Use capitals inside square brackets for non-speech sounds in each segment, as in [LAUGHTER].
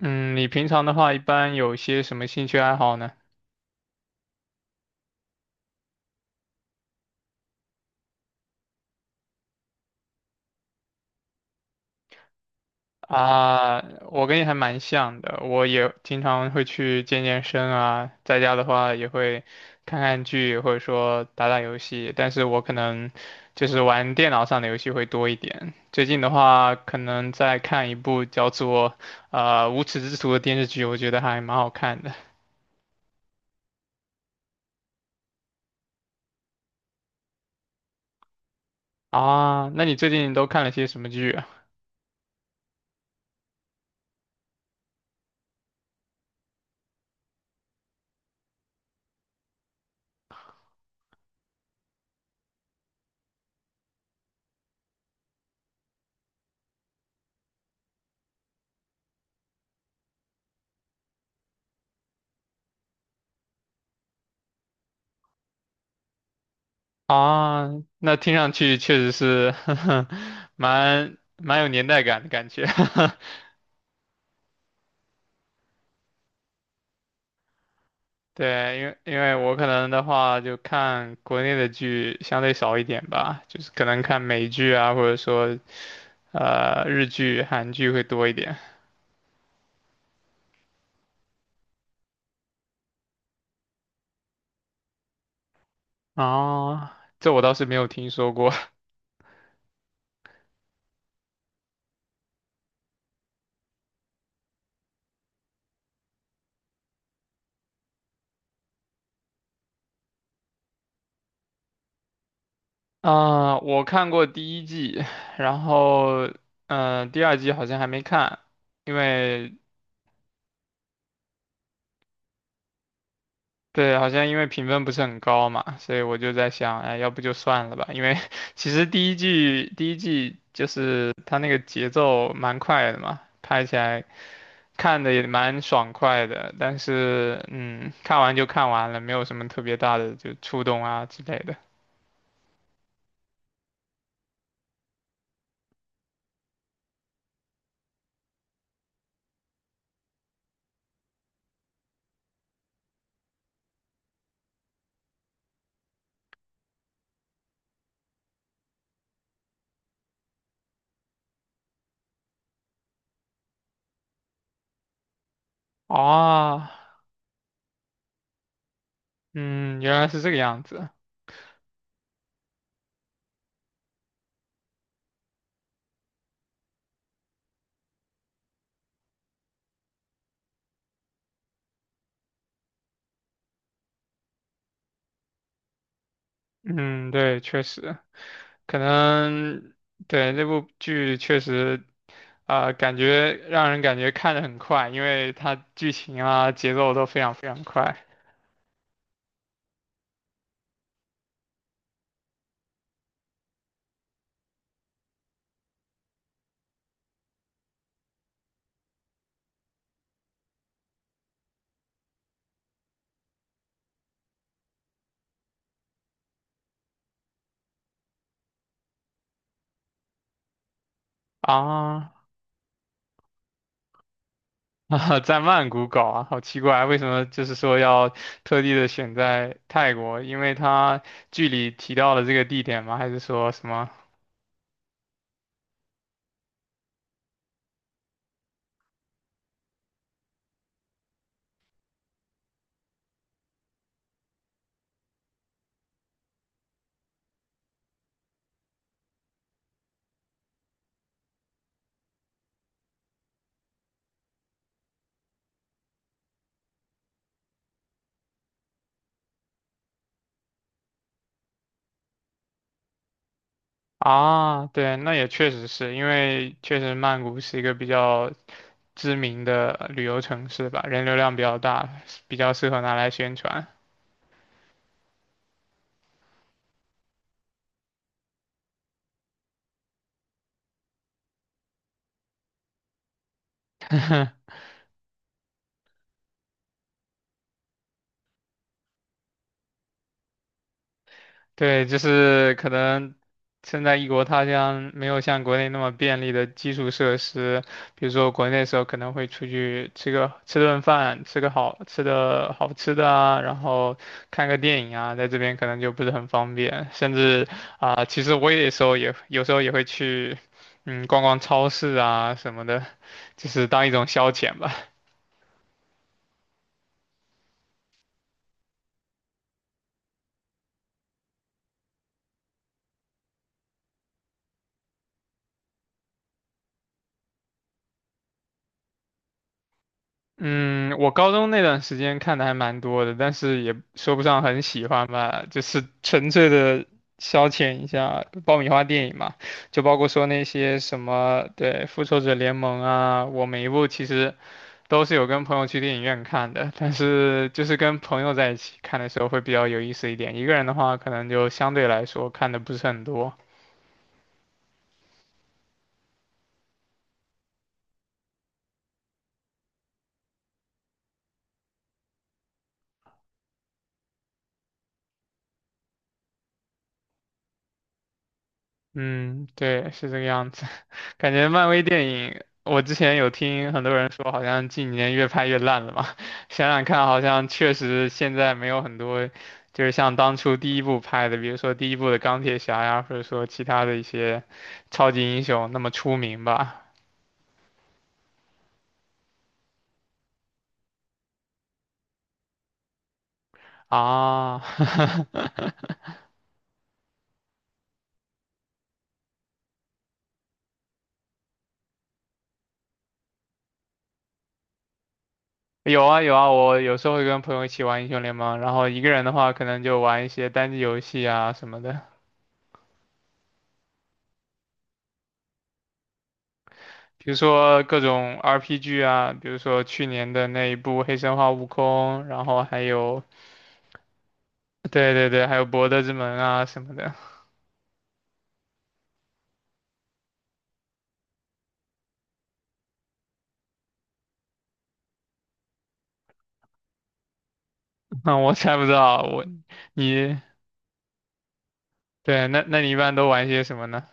嗯，你平常的话一般有些什么兴趣爱好呢？啊，我跟你还蛮像的，我也经常会去健健身啊，在家的话也会看看剧或者说打打游戏，但是我可能就是玩电脑上的游戏会多一点。最近的话，可能在看一部叫做《无耻之徒》的电视剧，我觉得还蛮好看的。啊，那你最近都看了些什么剧啊？啊，那听上去确实是 [LAUGHS] 蛮有年代感的感觉。[LAUGHS] 对，因为我可能的话就看国内的剧相对少一点吧，就是可能看美剧啊，或者说日剧、韩剧会多一点。啊，这我倒是没有听说过。[LAUGHS] 啊，我看过第一季，然后第二季好像还没看，因为对，好像因为评分不是很高嘛，所以我就在想，哎，要不就算了吧。因为 [LAUGHS] 其实第一季就是它那个节奏蛮快的嘛，拍起来看的也蛮爽快的。但是，嗯，看完就看完了，没有什么特别大的就触动啊之类的。哦，嗯，原来是这个样子。嗯，对，确实。可能对那部剧确实，啊、感觉让人感觉看的很快，因为它剧情啊节奏都非常快啊 [LAUGHS] 啊，在曼谷搞啊，好奇怪，为什么就是说要特地的选在泰国？因为它剧里提到了这个地点吗？还是说什么？啊，对，那也确实是因为确实曼谷是一个比较知名的旅游城市吧，人流量比较大，比较适合拿来宣传。[LAUGHS] 对，就是可能身在异国他乡，没有像国内那么便利的基础设施，比如说国内的时候可能会出去吃个吃顿饭，吃个好吃的啊，然后看个电影啊，在这边可能就不是很方便，甚至啊、其实我也时候也有时候也会去，嗯，逛逛超市啊什么的，就是当一种消遣吧。嗯，我高中那段时间看的还蛮多的，但是也说不上很喜欢吧，就是纯粹的消遣一下爆米花电影嘛，就包括说那些什么，对，《复仇者联盟》啊，我每一部其实都是有跟朋友去电影院看的，但是就是跟朋友在一起看的时候会比较有意思一点，一个人的话可能就相对来说看的不是很多。嗯，对，是这个样子。[LAUGHS] 感觉漫威电影，我之前有听很多人说，好像近几年越拍越烂了嘛。[LAUGHS] 想想看，好像确实现在没有很多，就是像当初第一部拍的，比如说第一部的钢铁侠呀，或者说其他的一些超级英雄那么出名吧。啊，[LAUGHS] 有啊有啊，我有时候会跟朋友一起玩英雄联盟，然后一个人的话，可能就玩一些单机游戏啊什么的。比如说各种 RPG 啊，比如说去年的那一部《黑神话：悟空》，然后还有，对对对，还有《博德之门》啊什么的。[LAUGHS] 那我猜不到，我你对，那你一般都玩些什么呢？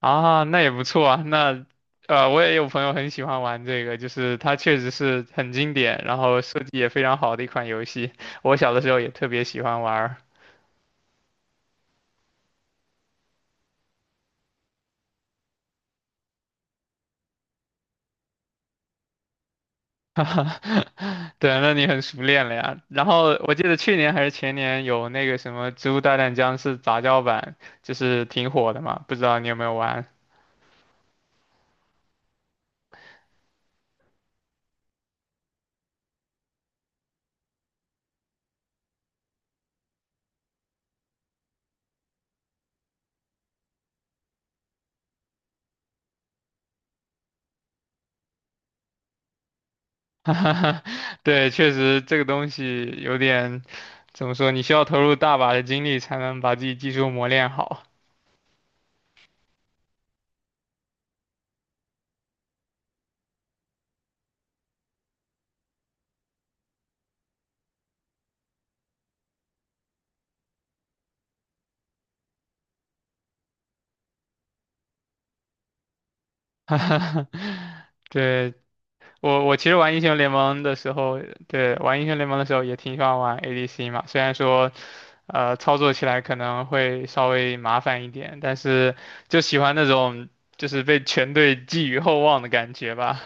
啊，那也不错啊。那呃，我也有朋友很喜欢玩这个，就是它确实是很经典，然后设计也非常好的一款游戏。我小的时候也特别喜欢玩儿 [LAUGHS] 哈哈，[LAUGHS] 对，那你很熟练了呀。然后我记得去年还是前年有那个什么《植物大战僵尸》杂交版，就是挺火的嘛，不知道你有没有玩？[LAUGHS] 哈哈对，确实这个东西有点，怎么说？你需要投入大把的精力才能把自己技术磨练好。[LAUGHS] 哈哈，对，我其实玩英雄联盟的时候，对，玩英雄联盟的时候也挺喜欢玩 ADC 嘛，虽然说，操作起来可能会稍微麻烦一点，但是就喜欢那种就是被全队寄予厚望的感觉吧。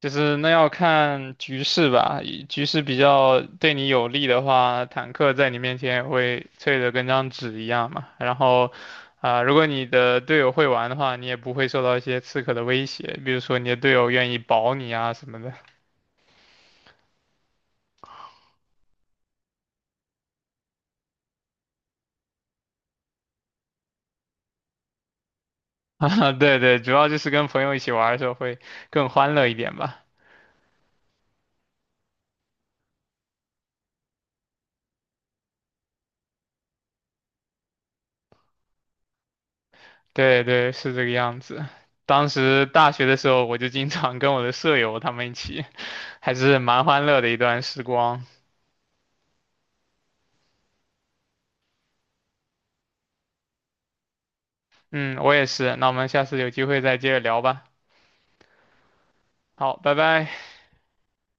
就是那要看局势吧，以局势比较对你有利的话，坦克在你面前也会脆得跟张纸一样嘛。然后，啊、如果你的队友会玩的话，你也不会受到一些刺客的威胁，比如说你的队友愿意保你啊什么的。[LAUGHS] 啊，对对，主要就是跟朋友一起玩的时候会更欢乐一点吧。对对，是这个样子。当时大学的时候，我就经常跟我的舍友他们一起，还是蛮欢乐的一段时光。嗯，我也是。那我们下次有机会再接着聊吧。好，拜拜。